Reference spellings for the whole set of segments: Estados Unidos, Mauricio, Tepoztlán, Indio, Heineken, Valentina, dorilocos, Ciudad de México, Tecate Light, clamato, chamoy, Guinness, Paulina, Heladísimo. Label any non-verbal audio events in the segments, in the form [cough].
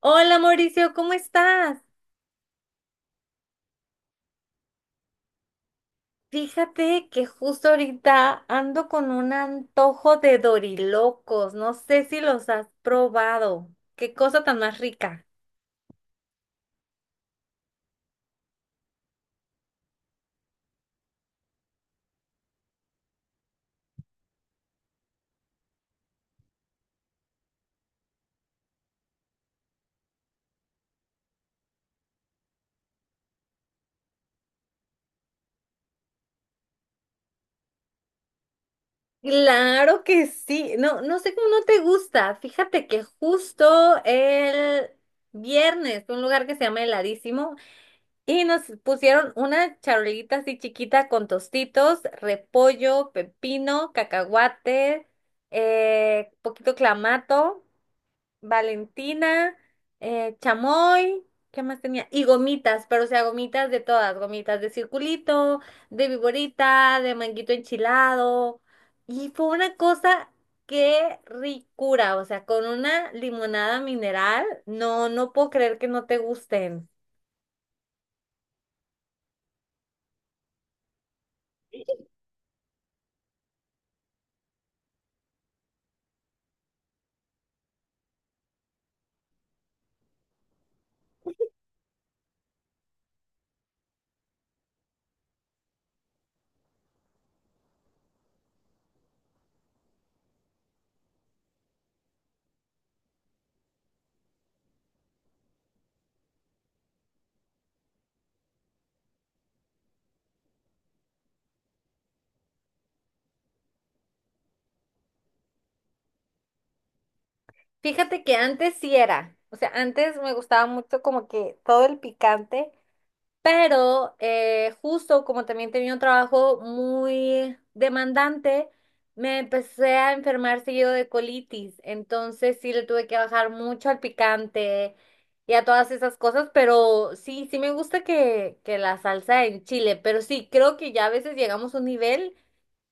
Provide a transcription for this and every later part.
Hola Mauricio, ¿cómo estás? Fíjate que justo ahorita ando con un antojo de dorilocos. No sé si los has probado. Qué cosa tan más rica. Claro que sí. No, no sé cómo no te gusta. Fíjate que justo el viernes fue a un lugar que se llama Heladísimo y nos pusieron una charolita así chiquita con tostitos, repollo, pepino, cacahuate, poquito clamato. Valentina, chamoy, ¿qué más tenía? Y gomitas, pero o sea, gomitas de todas, gomitas de circulito, de viborita, de manguito enchilado. Y fue una cosa, qué ricura, o sea, con una limonada mineral, no, no puedo creer que no te gusten. Fíjate que antes sí era, o sea, antes me gustaba mucho como que todo el picante. Pero justo como también tenía un trabajo muy demandante, me empecé a enfermar seguido de colitis. Entonces sí le tuve que bajar mucho al picante y a todas esas cosas. Pero sí, sí me gusta que la salsa en chile. Pero sí, creo que ya a veces llegamos a un nivel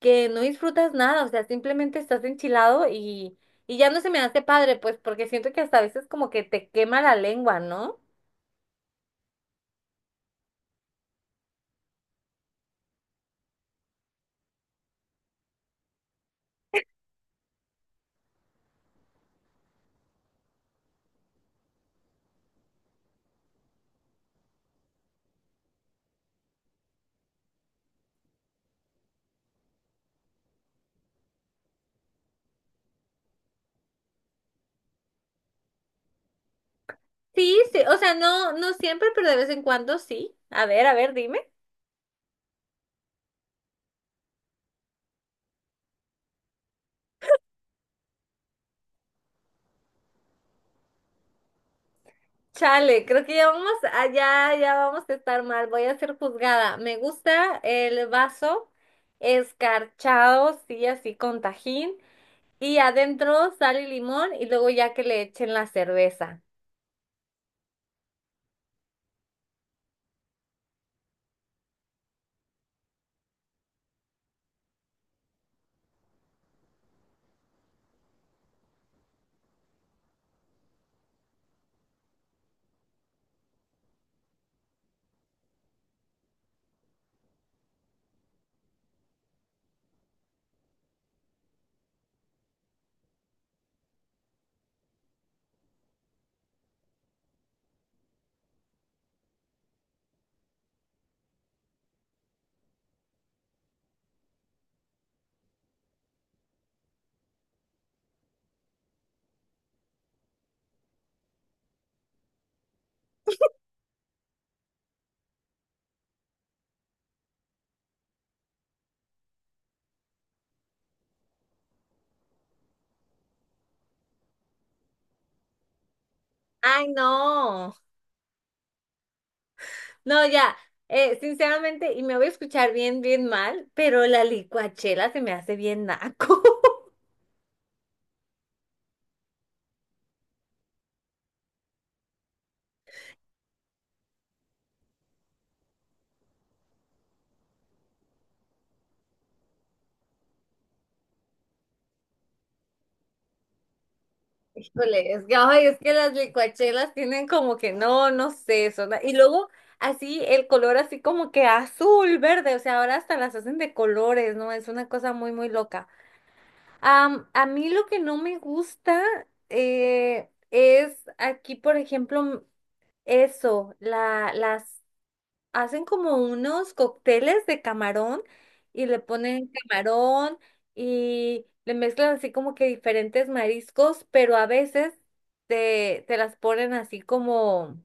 que no disfrutas nada. O sea, simplemente estás enchilado y ya no se me hace padre, pues porque siento que hasta a veces como que te quema la lengua, ¿no? Sí, sí, o sea, no, no siempre, pero de vez en cuando sí. A ver, dime. Chale, creo que ya vamos allá, ya vamos a estar mal. Voy a ser juzgada. Me gusta el vaso escarchado, sí, así con tajín. Y adentro sal y limón y luego ya que le echen la cerveza. Ay, no. No, ya. Sinceramente, y me voy a escuchar bien, bien mal, pero la licuachela se me hace bien naco. [laughs] Híjole, es que, ay, es que las licuachelas tienen como que no, no sé, son, y luego así el color así como que azul, verde, o sea, ahora hasta las hacen de colores, ¿no? Es una cosa muy, muy loca. Am, a mí lo que no me gusta es aquí, por ejemplo, eso, las hacen como unos cócteles de camarón y le ponen camarón y le mezclan así como que diferentes mariscos, pero a veces te las ponen así como,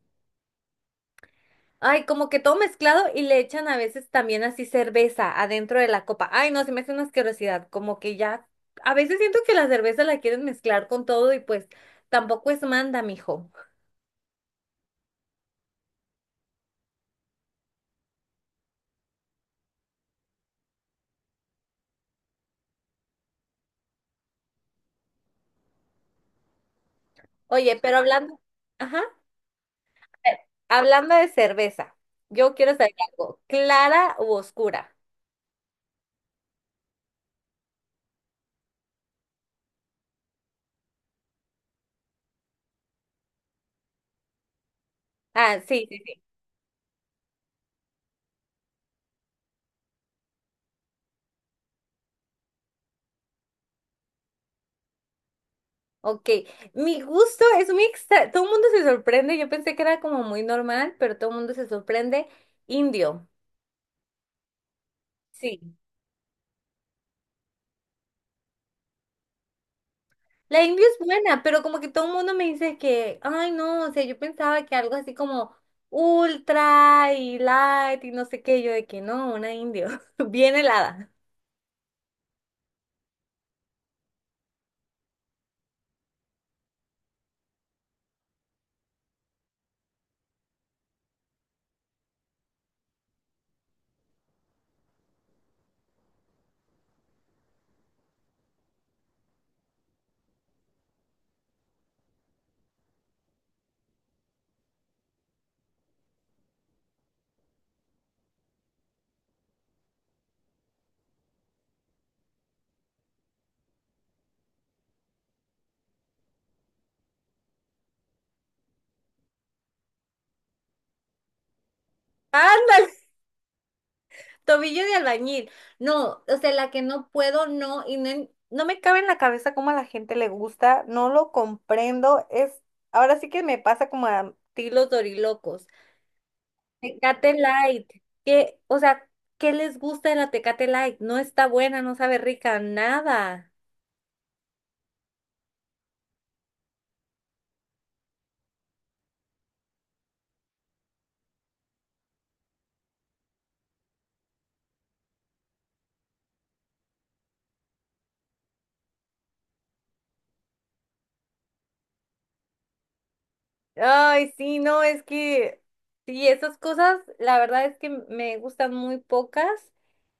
ay, como que todo mezclado y le echan a veces también así cerveza adentro de la copa. Ay, no, se me hace una asquerosidad, como que ya, a veces siento que la cerveza la quieren mezclar con todo y pues tampoco es manda, mijo. Oye, pero hablando, ajá. Eh, Hablando de cerveza, yo quiero saber algo, ¿clara u oscura? Ah, sí, sí, sí. Ok, mi gusto es muy extra, todo el mundo se sorprende, yo pensé que era como muy normal, pero todo el mundo se sorprende. Indio, sí. La indio es buena, pero como que todo el mundo me dice que, ay no, o sea, yo pensaba que algo así como ultra y light y no sé qué, yo de que no, una indio, [laughs] bien helada. Ándale. Tobillo de albañil. No, o sea, la que no puedo, no, y no, no me cabe en la cabeza cómo a la gente le gusta, no lo comprendo. Es, ahora sí que me pasa como a ti los dorilocos. Tecate Light, que, o sea, ¿qué les gusta de la Tecate Light? No está buena, no sabe rica, nada. Ay, sí, no, es que, sí, esas cosas, la verdad es que me gustan muy pocas.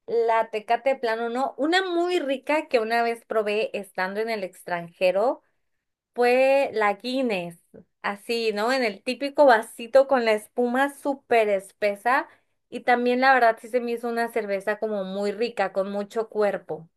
La tecate de plano no. Una muy rica que una vez probé estando en el extranjero fue la Guinness. Así, ¿no? En el típico vasito con la espuma súper espesa. Y también la verdad sí se me hizo una cerveza como muy rica, con mucho cuerpo.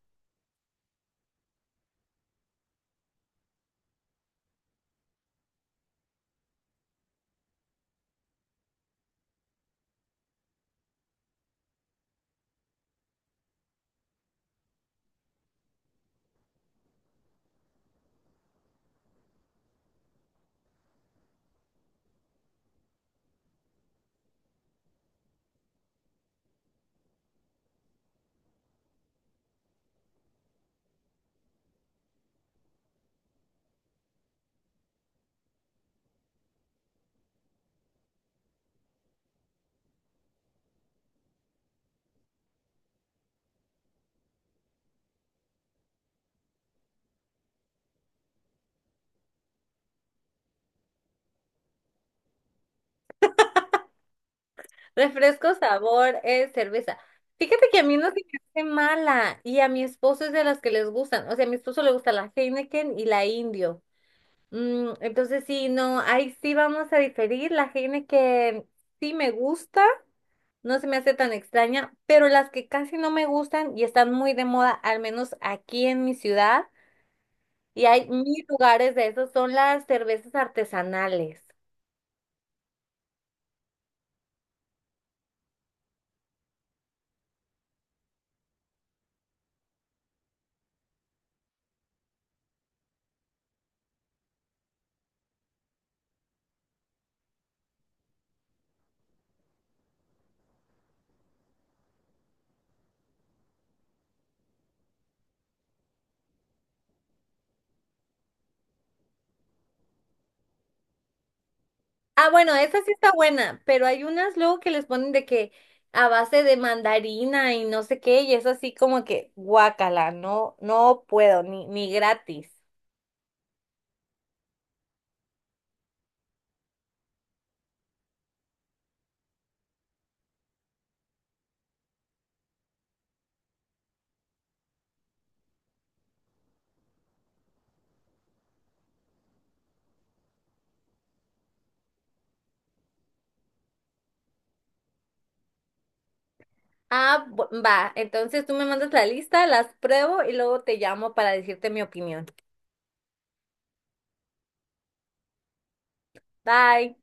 Refresco, sabor, es cerveza. Fíjate que a mí no se me hace mala y a mi esposo es de las que les gustan. O sea, a mi esposo le gusta la Heineken y la Indio. Mm, entonces sí, no, ahí sí vamos a diferir. Las genes que sí me gusta, no se me hace tan extraña, pero las que casi no me gustan y están muy de moda, al menos aquí en mi ciudad, y hay mil lugares de esos, son las cervezas artesanales. Ah, bueno, esa sí está buena, pero hay unas luego que les ponen de que a base de mandarina y no sé qué, y es así como que guácala, no, no puedo, ni gratis. Ah, va. Entonces tú me mandas la lista, las pruebo y luego te llamo para decirte mi opinión. Bye.